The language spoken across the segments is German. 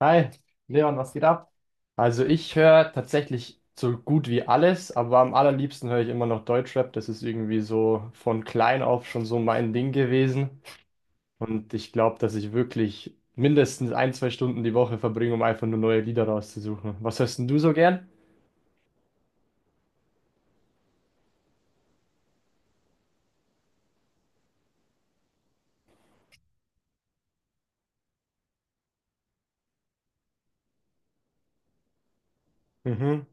Hi, Leon, was geht ab? Also ich höre tatsächlich so gut wie alles, aber am allerliebsten höre ich immer noch Deutschrap. Das ist irgendwie so von klein auf schon so mein Ding gewesen. Und ich glaube, dass ich wirklich mindestens ein, zwei Stunden die Woche verbringe, um einfach nur neue Lieder rauszusuchen. Was hörst denn du so gern? Mhm,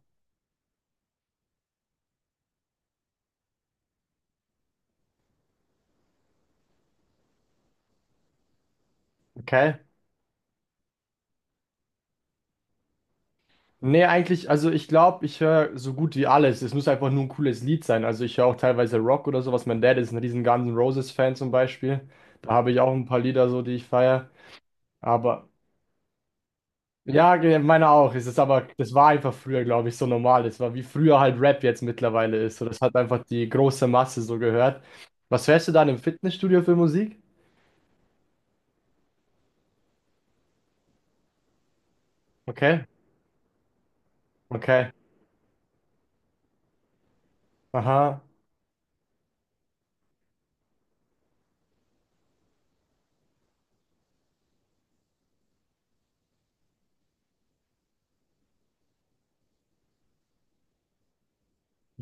okay. Nee, eigentlich, also ich glaube, ich höre so gut wie alles. Es muss einfach nur ein cooles Lied sein. Also ich höre auch teilweise Rock oder sowas. Mein Dad ist ein riesen Guns N' Roses-Fan zum Beispiel. Da habe ich auch ein paar Lieder so, die ich feiere. Aber ja, meine auch. Es ist aber, das war einfach früher, glaube ich, so normal. Es war wie früher halt Rap jetzt mittlerweile ist. So, das hat einfach die große Masse so gehört. Was hörst du dann im Fitnessstudio für Musik? Okay, okay, aha,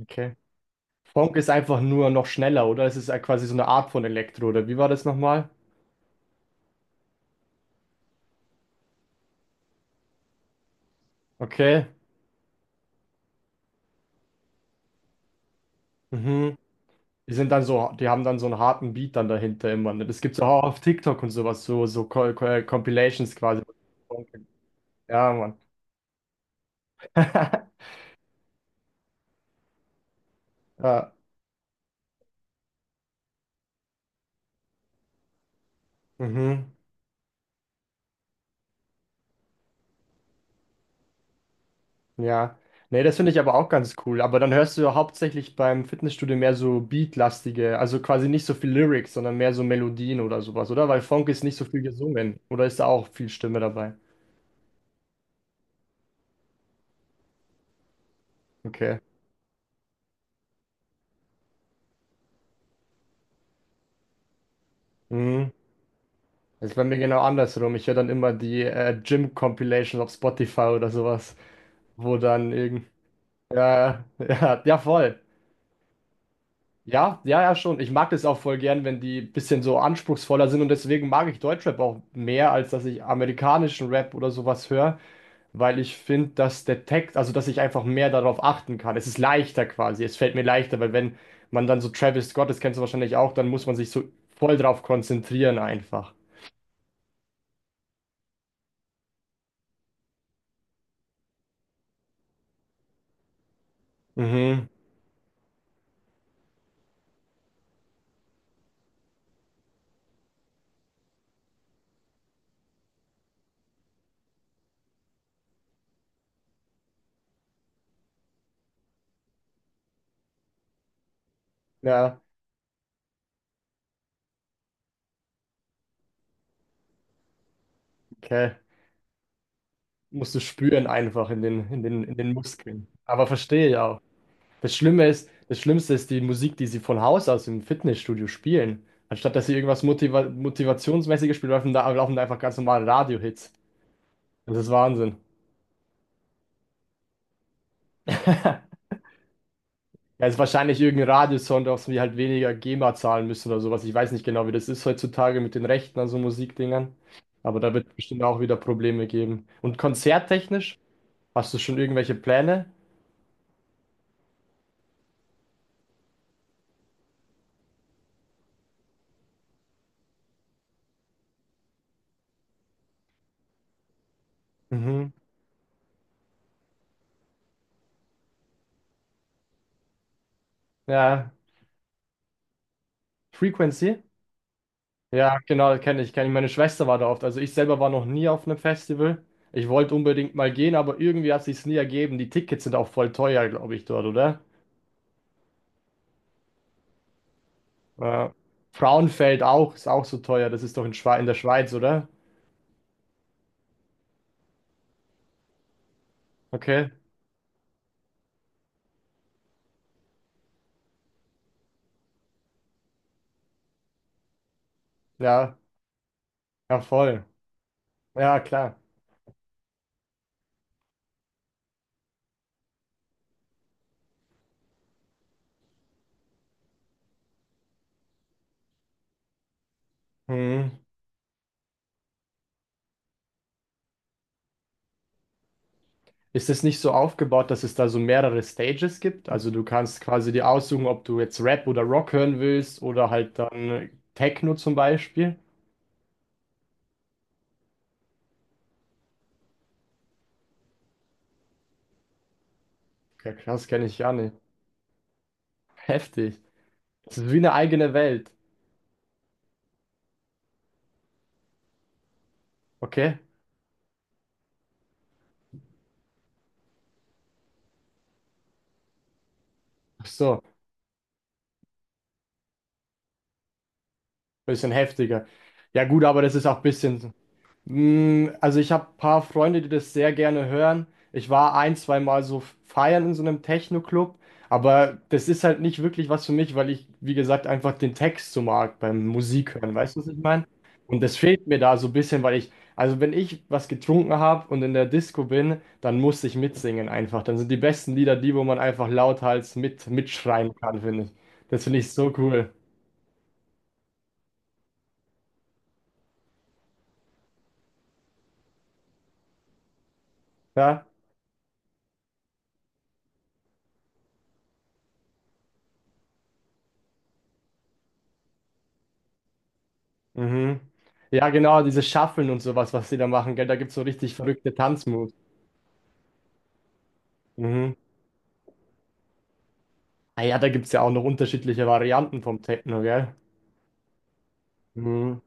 okay. Funk ist einfach nur noch schneller, oder? Es ist ja quasi so eine Art von Elektro, oder wie war das nochmal? Okay, mhm. Die sind dann so, die haben dann so einen harten Beat dann dahinter immer, ne? Das gibt's auch auf TikTok und sowas, so, so Compilations quasi. Ja, Mann. Ja. Mhm, ja. Nee, das finde ich aber auch ganz cool. Aber dann hörst du ja hauptsächlich beim Fitnessstudio mehr so beatlastige, also quasi nicht so viel Lyrics, sondern mehr so Melodien oder sowas, oder? Weil Funk ist nicht so viel gesungen. Oder ist da auch viel Stimme dabei? Okay. Mhm. Das ist bei mir genau andersrum. Ich höre dann immer die Gym-Compilations auf Spotify oder sowas, wo dann irgend... Ja, ja, ja, voll. Ja, ja, ja, schon. Ich mag das auch voll gern, wenn die bisschen so anspruchsvoller sind und deswegen mag ich Deutschrap auch mehr, als dass ich amerikanischen Rap oder sowas höre, weil ich finde, dass der Text, also dass ich einfach mehr darauf achten kann. Es ist leichter quasi, es fällt mir leichter, weil wenn man dann so Travis Scott, das kennst du wahrscheinlich auch, dann muss man sich so voll drauf konzentrieren einfach. Mhm. Ja, okay. Musst du spüren einfach in den Muskeln. Aber verstehe ja. Das Schlimme ist, das Schlimmste ist die Musik, die sie von Haus aus im Fitnessstudio spielen. Anstatt dass sie irgendwas Motivationsmäßiges spielen, laufen da einfach ganz normale Radio-Hits. Das ist Wahnsinn. Ja, ist wahrscheinlich irgendein Radiosong, auf den wir halt weniger GEMA zahlen müssen oder sowas. Ich weiß nicht genau, wie das ist heutzutage mit den Rechten an so Musikdingern. Aber da wird bestimmt auch wieder Probleme geben. Und konzerttechnisch, hast du schon irgendwelche Pläne? Mhm. Ja, Frequency? Ja, genau, kenne ich, kenne ich. Meine Schwester war da oft. Also ich selber war noch nie auf einem Festival. Ich wollte unbedingt mal gehen, aber irgendwie hat sich's nie ergeben. Die Tickets sind auch voll teuer, glaube ich, dort, oder? Ja. Frauenfeld auch, ist auch so teuer. Das ist doch in Schwe in der Schweiz, oder? Okay. Ja, ja, voll. Ja, klar. Mhm. Ist es nicht so aufgebaut, dass es da so mehrere Stages gibt? Also du kannst quasi dir aussuchen, ob du jetzt Rap oder Rock hören willst oder halt dann Techno zum Beispiel. Ja, krass, kenne ich gar nicht. Heftig. Das ist wie eine eigene Welt. Okay? Ach so, bisschen heftiger. Ja gut, aber das ist auch ein bisschen. Mm, also ich habe ein paar Freunde, die das sehr gerne hören. Ich war ein, zwei Mal so feiern in so einem Techno-Club, aber das ist halt nicht wirklich was für mich, weil ich, wie gesagt, einfach den Text so mag beim Musik hören. Weißt du, was ich meine? Und das fehlt mir da so ein bisschen, weil ich, also wenn ich was getrunken habe und in der Disco bin, dann muss ich mitsingen einfach. Dann sind die besten Lieder die, wo man einfach lauthals mit mitschreien kann, finde ich. Das finde ich so cool. Ja? Mhm. Ja, genau, diese Shuffeln und sowas, was sie da machen, gell? Da gibt es so richtig verrückte Tanzmoves. Mhm. Ah ja, da gibt es ja auch noch unterschiedliche Varianten vom Techno, gell? Mhm.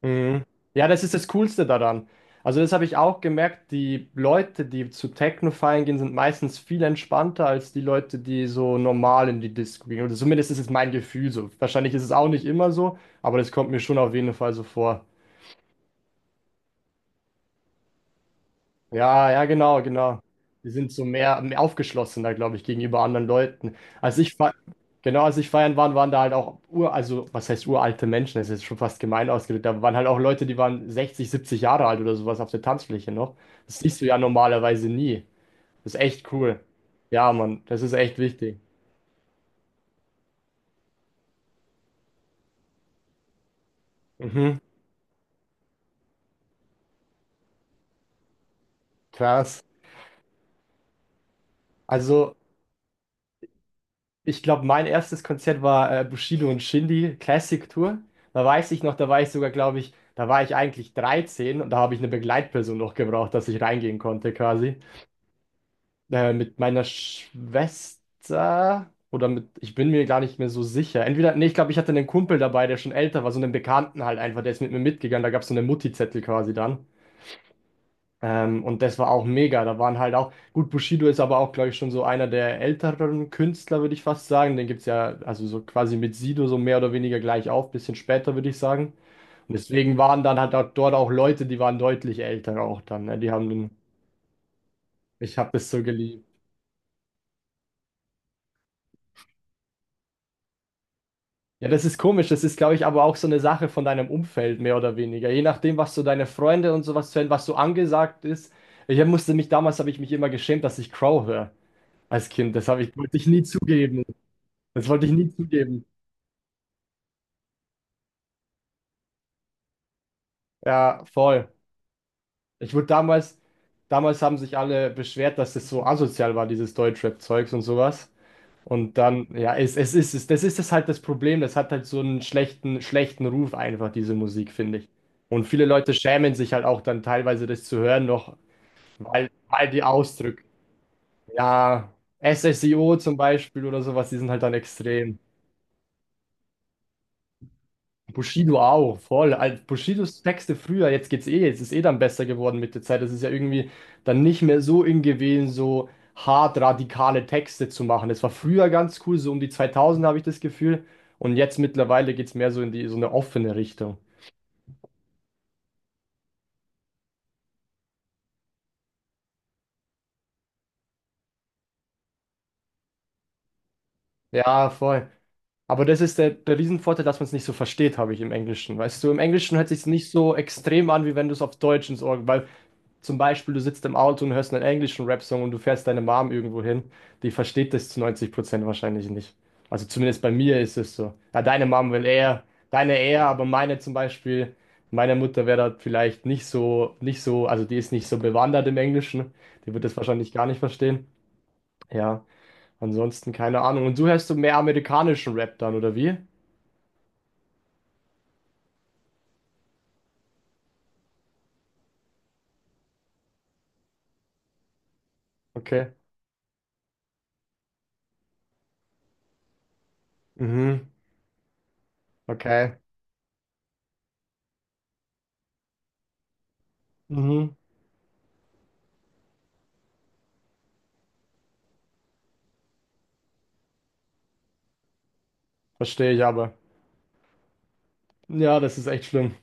Mhm. Ja, das ist das Coolste daran. Also, das habe ich auch gemerkt, die Leute, die zu Techno feiern gehen, sind meistens viel entspannter als die Leute, die so normal in die Disco gehen. Oder zumindest ist es mein Gefühl so. Wahrscheinlich ist es auch nicht immer so, aber das kommt mir schon auf jeden Fall so vor. Ja, ja, genau, genau. Die sind so mehr, mehr aufgeschlossener, glaube ich, gegenüber anderen Leuten. Genau, als ich feiern war, waren da halt auch ur, also was heißt uralte Menschen, das ist jetzt schon fast gemein ausgedrückt, da waren halt auch Leute, die waren 60, 70 Jahre alt oder sowas auf der Tanzfläche noch. Das siehst du ja normalerweise nie. Das ist echt cool. Ja, Mann, das ist echt wichtig. Mhm, krass. Also, ich glaube, mein erstes Konzert war Bushido und Shindy Classic Tour. Da weiß ich noch, da war ich sogar, glaube ich, da war ich eigentlich 13 und da habe ich eine Begleitperson noch gebraucht, dass ich reingehen konnte quasi. Mit meiner Schwester oder mit, ich bin mir gar nicht mehr so sicher. Entweder, nee, ich glaube, ich hatte einen Kumpel dabei, der schon älter war, so einen Bekannten halt einfach, der ist mit mir mitgegangen. Da gab es so einen Mutti-Zettel quasi dann. Und das war auch mega. Da waren halt auch, gut, Bushido ist aber auch, glaube ich, schon so einer der älteren Künstler, würde ich fast sagen. Den gibt es ja, also so quasi mit Sido so mehr oder weniger gleich auf, bisschen später, würde ich sagen. Und deswegen waren dann halt auch dort auch Leute, die waren deutlich älter auch dann, ne? Die haben den, ich habe das so geliebt. Ja, das ist komisch. Das ist, glaube ich, aber auch so eine Sache von deinem Umfeld, mehr oder weniger. Je nachdem, was so deine Freunde und sowas hören, was so angesagt ist. Damals habe ich mich immer geschämt, dass ich Crow höre als Kind. Das habe ich, wollte ich nie zugeben. Das wollte ich nie zugeben. Ja, voll. Ich wurde damals, damals haben sich alle beschwert, dass das so asozial war, dieses Deutschrap-Zeugs und sowas. Und dann, ja, das ist das halt das Problem. Das hat halt so einen schlechten, schlechten Ruf einfach, diese Musik, finde ich. Und viele Leute schämen sich halt auch dann teilweise das zu hören noch, weil, weil die Ausdrücke, ja, SSIO zum Beispiel oder sowas, die sind halt dann extrem. Bushido auch, voll. Also Bushidos Texte früher, jetzt geht's eh, jetzt ist eh dann besser geworden mit der Zeit. Das ist ja irgendwie dann nicht mehr so in gewesen, so hart radikale Texte zu machen. Das war früher ganz cool, so um die 2000 habe ich das Gefühl. Und jetzt mittlerweile geht's mehr so in die, so eine offene Richtung. Ja, voll. Aber das ist der, der Riesenvorteil, dass man es nicht so versteht, habe ich im Englischen. Weißt du, im Englischen hört sich's nicht so extrem an, wie wenn du es auf Deutsch ins Ohr, weil zum Beispiel, du sitzt im Auto und hörst einen englischen Rap-Song und du fährst deine Mom irgendwo hin. Die versteht das zu 90% wahrscheinlich nicht. Also zumindest bei mir ist es so. Ja, deine Mom will eher, deine eher, aber meine Mutter wäre da vielleicht nicht so, also die ist nicht so bewandert im Englischen. Die wird das wahrscheinlich gar nicht verstehen. Ja, ansonsten keine Ahnung. Und du hörst du mehr amerikanischen Rap dann, oder wie? Okay. Mhm. Okay. Mhm. Verstehe ich aber. Ja, das ist echt schlimm.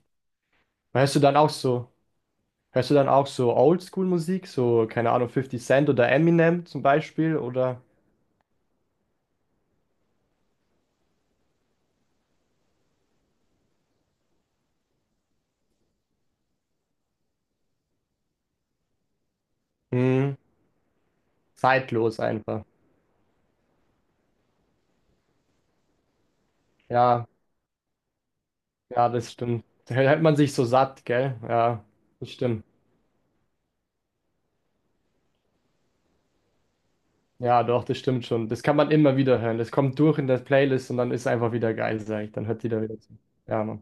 Hörst du dann auch so? Hörst du dann auch so Oldschool-Musik, so, keine Ahnung, 50 Cent oder Eminem zum Beispiel oder hm, zeitlos einfach. Ja, ja, das stimmt. Da hält man sich so satt, gell? Ja, das stimmt. Ja, doch, das stimmt schon. Das kann man immer wieder hören. Das kommt durch in der Playlist und dann ist einfach wieder geil, sag ich. Dann hört die da wieder zu. Ja, Mann.